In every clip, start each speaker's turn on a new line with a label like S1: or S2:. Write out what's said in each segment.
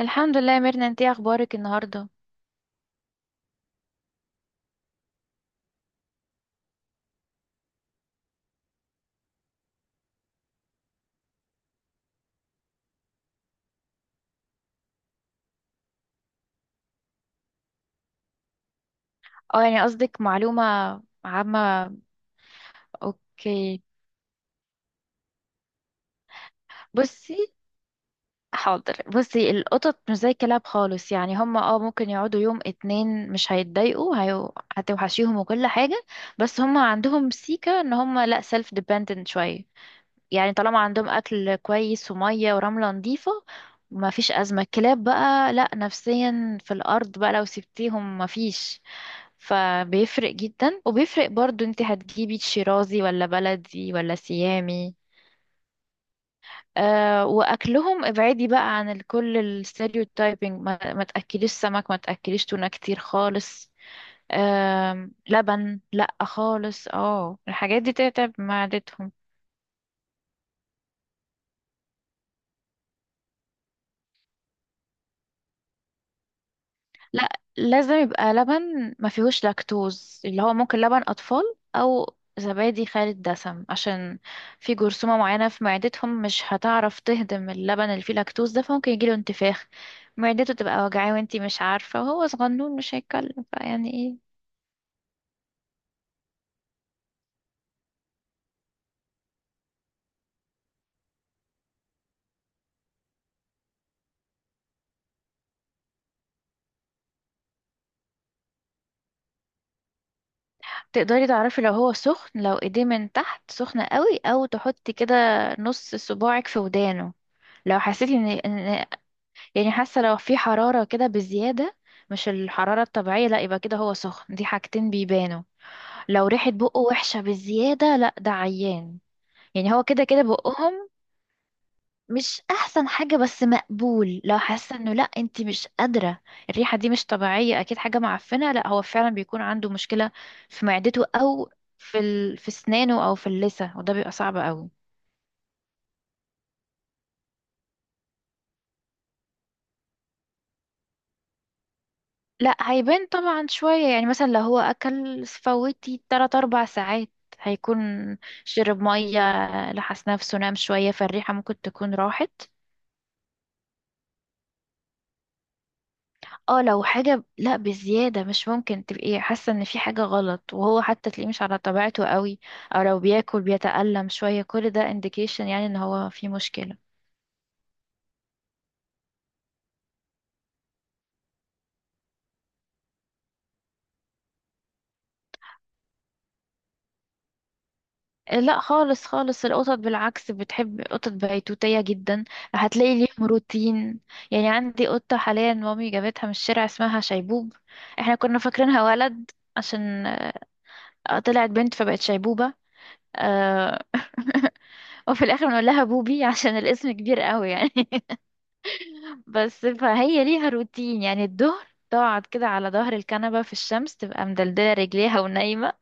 S1: الحمد لله يا ميرنا، انتي إيه اخبارك النهارده؟ اه، يعني قصدك معلومة عامة. اوكي، بصي. حاضر، بصي، القطط مش زي الكلاب خالص، يعني هما ممكن يقعدوا يوم اتنين مش هيتضايقوا. هتوحشيهم وكل حاجة. بس هما عندهم سيكة ان هما لا، سيلف ديبندنت شوية، يعني طالما عندهم اكل كويس ومية ورملة نظيفة ما فيش ازمة. الكلاب بقى لا، نفسيا في الارض بقى لو سبتيهم ما فيش. فبيفرق جدا، وبيفرق برضو انت هتجيبي شيرازي ولا بلدي ولا سيامي. واكلهم ابعدي بقى عن كل الستيريوتايبنج، ما تاكليش سمك، ما تاكليش تونه كتير خالص. لبن لا خالص، الحاجات دي تتعب معدتهم. لا، لازم يبقى لبن ما فيهوش لاكتوز، اللي هو ممكن لبن اطفال او زبادي خالي الدسم، عشان في جرثومة معينة في معدتهم مش هتعرف تهضم اللبن اللي فيه لاكتوز ده، فممكن يجيله انتفاخ، معدته تبقى وجعاه وانتي مش عارفة، وهو صغنون مش هيتكلم، فيعني ايه. تقدري تعرفي لو هو سخن، لو ايديه من تحت سخنة قوي، او تحطي كده نص صباعك في ودانه. لو حسيتي ان يعني حاسة لو في حرارة كده بزيادة، مش الحرارة الطبيعية، لا، يبقى كده هو سخن. دي حاجتين بيبانوا. لو ريحة بقه وحشة بزيادة، لا، ده عيان. يعني هو كده كده بقهم مش أحسن حاجة بس مقبول. لو حاسة إنه لا، أنتي مش قادرة، الريحة دي مش طبيعية، أكيد حاجة معفنة، لا، هو فعلا بيكون عنده مشكلة في معدته أو في سنانه أو في اللثة، وده بيبقى صعب أوي. لا، هيبان طبعا شوية، يعني مثلا لو هو أكل فوتي تلات أربع ساعات، هيكون شرب مية، لحس نفسه، نام شوية، فالريحة ممكن تكون راحت. اه، لو حاجة لا بزيادة، مش ممكن تبقي حاسة ان في حاجة غلط، وهو حتى تلاقيه مش على طبيعته قوي، او لو بياكل بيتألم شوية، كل ده indication، يعني ان هو في مشكلة. لا خالص خالص، القطط بالعكس، بتحب قطط بيتوتية جدا. هتلاقي ليهم روتين. يعني عندي قطة حاليا مامي جابتها من الشارع، اسمها شيبوب. احنا كنا فاكرينها ولد، عشان طلعت بنت فبقت شيبوبة. آه. وفي الاخر بنقول لها بوبي عشان الاسم كبير قوي يعني. بس فهي ليها روتين، يعني الظهر تقعد كده على ظهر الكنبة في الشمس، تبقى مدلدلة رجليها ونايمة.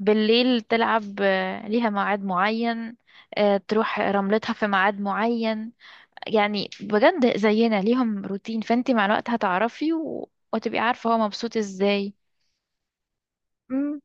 S1: بالليل تلعب، ليها ميعاد معين. تروح رملتها في ميعاد معين. يعني بجد زينا، ليهم روتين، فانت مع الوقت هتعرفي، وتبقي عارفة هو مبسوط ازاي. مم.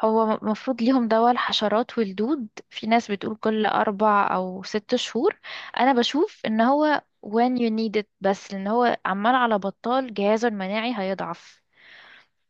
S1: هو المفروض ليهم دواء الحشرات والدود. في ناس بتقول كل أربع أو ست شهور. أنا بشوف إن هو when you need it، بس لأن هو عمال على بطال جهازه المناعي هيضعف.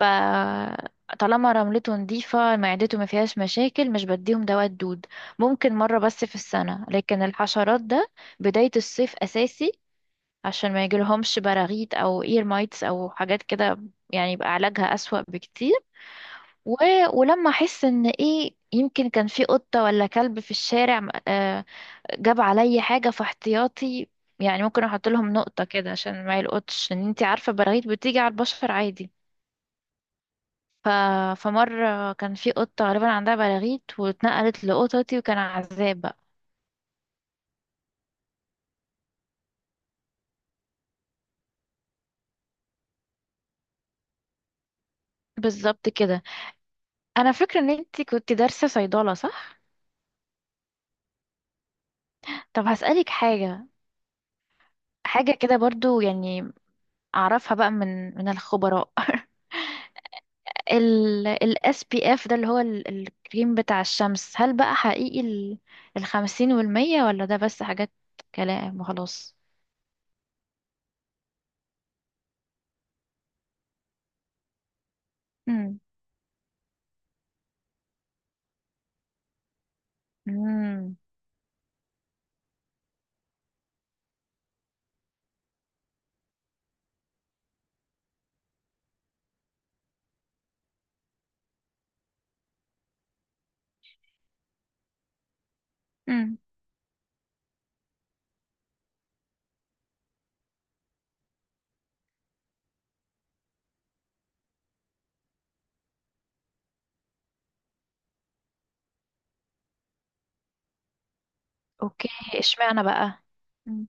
S1: فطالما رملته نظيفة، معدته ما فيهاش مشاكل، مش بديهم دواء الدود، ممكن مرة بس في السنة. لكن الحشرات ده بداية الصيف أساسي، عشان ما يجيلهمش براغيث أو إير مايتس أو حاجات كده، يعني يبقى علاجها أسوأ بكتير. و... ولما أحس إن إيه يمكن كان في قطة ولا كلب في الشارع، جاب عليا حاجة في احتياطي. يعني ممكن احط لهم نقطة كده عشان ما يلقطش، ان انتي عارفة براغيث بتيجي على البشر عادي. ف... فمرة كان في قطة غالبا عندها بلاغيت، واتنقلت لقطتي، وكان عذاب بقى. بالظبط كده. انا فاكرة ان انتي كنت دارسة صيدلة، صح؟ طب هسألك حاجة، حاجة كده برضو يعني، اعرفها بقى من الخبراء. ال SPF ده، اللي هو الكريم بتاع الشمس، هل بقى حقيقي الخمسين والمية، ولا ده بس حاجات كلام وخلاص؟ امم امم اوكي. اشمعنى بقى؟ مم.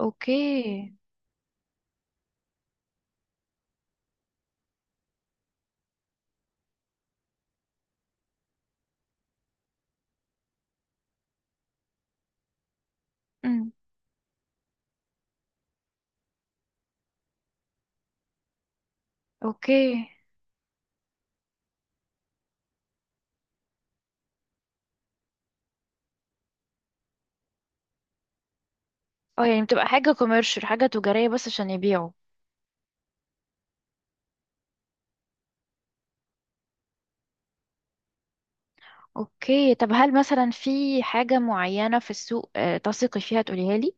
S1: اوكي. امم. اوكي. اه، يعني بتبقى حاجة كوميرشال، حاجة تجارية بس عشان يبيعوا. اوكي، طب هل مثلا في حاجة معينة في السوق تثقي فيها تقوليها لي؟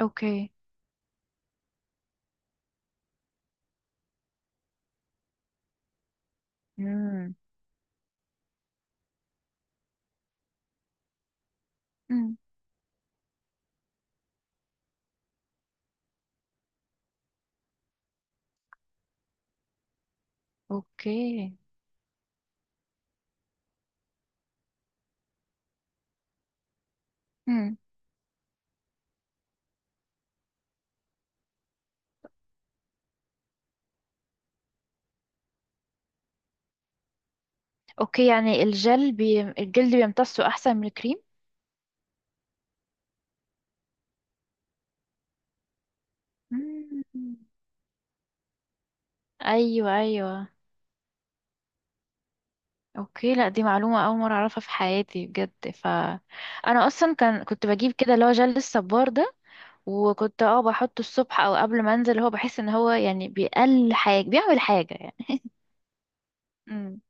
S1: اوكي. امم. امم. اوكي. امم. اوكي، يعني الجلد بيمتصه احسن من الكريم؟ مم. ايوه، ايوه. اوكي، لا، دي معلومه اول مره اعرفها في حياتي بجد، انا اصلا كان كنت بجيب كده اللي هو جل الصبار ده، وكنت بحطه الصبح او قبل ما انزل، هو بحس ان هو يعني بيقل حاجة بيعمل حاجة يعني. امم.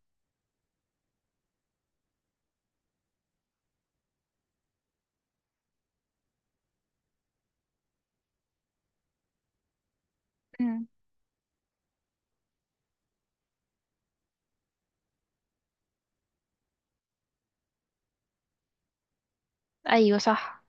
S1: مم. ايوه، صح.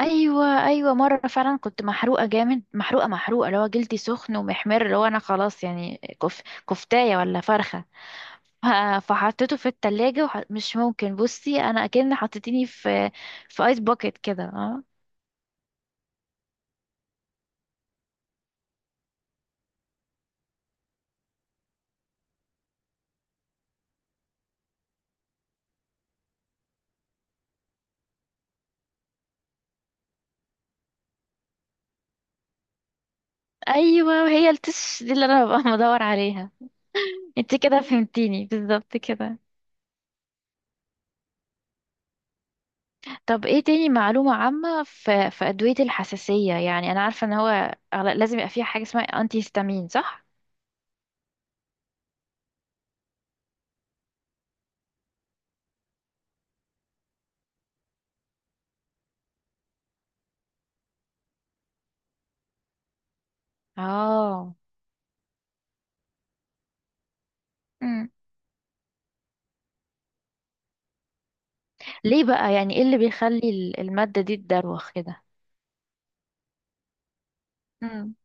S1: ايوه، ايوه، مرة فعلا كنت محروقة جامد، محروقة محروقة، اللي هو جلدي سخن ومحمر، اللي هو انا خلاص يعني كف... كفتاية ولا فرخة. ف- فحطيته في التلاجة، مش ممكن، بصي انا اكن حطيتيني في ايس باكيت كده، اه. ايوه هي التش دي اللي انا ببقى بدور عليها. انت كده فهمتيني بالظبط كده. طب ايه تاني معلومة عامة؟ في أدوية الحساسية، يعني أنا عارفة إن هو لازم يبقى فيها حاجة اسمها أنتي هيستامين، صح؟ اه. مم. ليه بقى؟ يعني ايه اللي بيخلي المادة دي تدروخ كده؟ امم.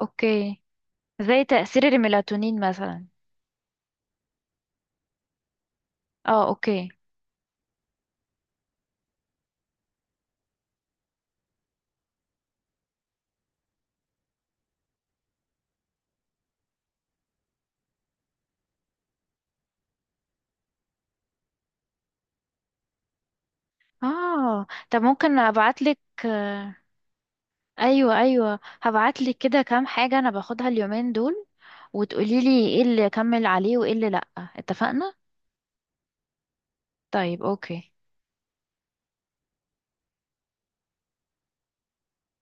S1: اوكي، زي تأثير الميلاتونين مثلا. اه، اوكي. اه، طب ممكن ابعتلك؟ آه. ايوه، ايوه، هبعتلك كده كام حاجة انا باخدها اليومين دول، وتقوليلي ايه اللي اكمل عليه وايه اللي لأ، اتفقنا؟ طيب، اوكي.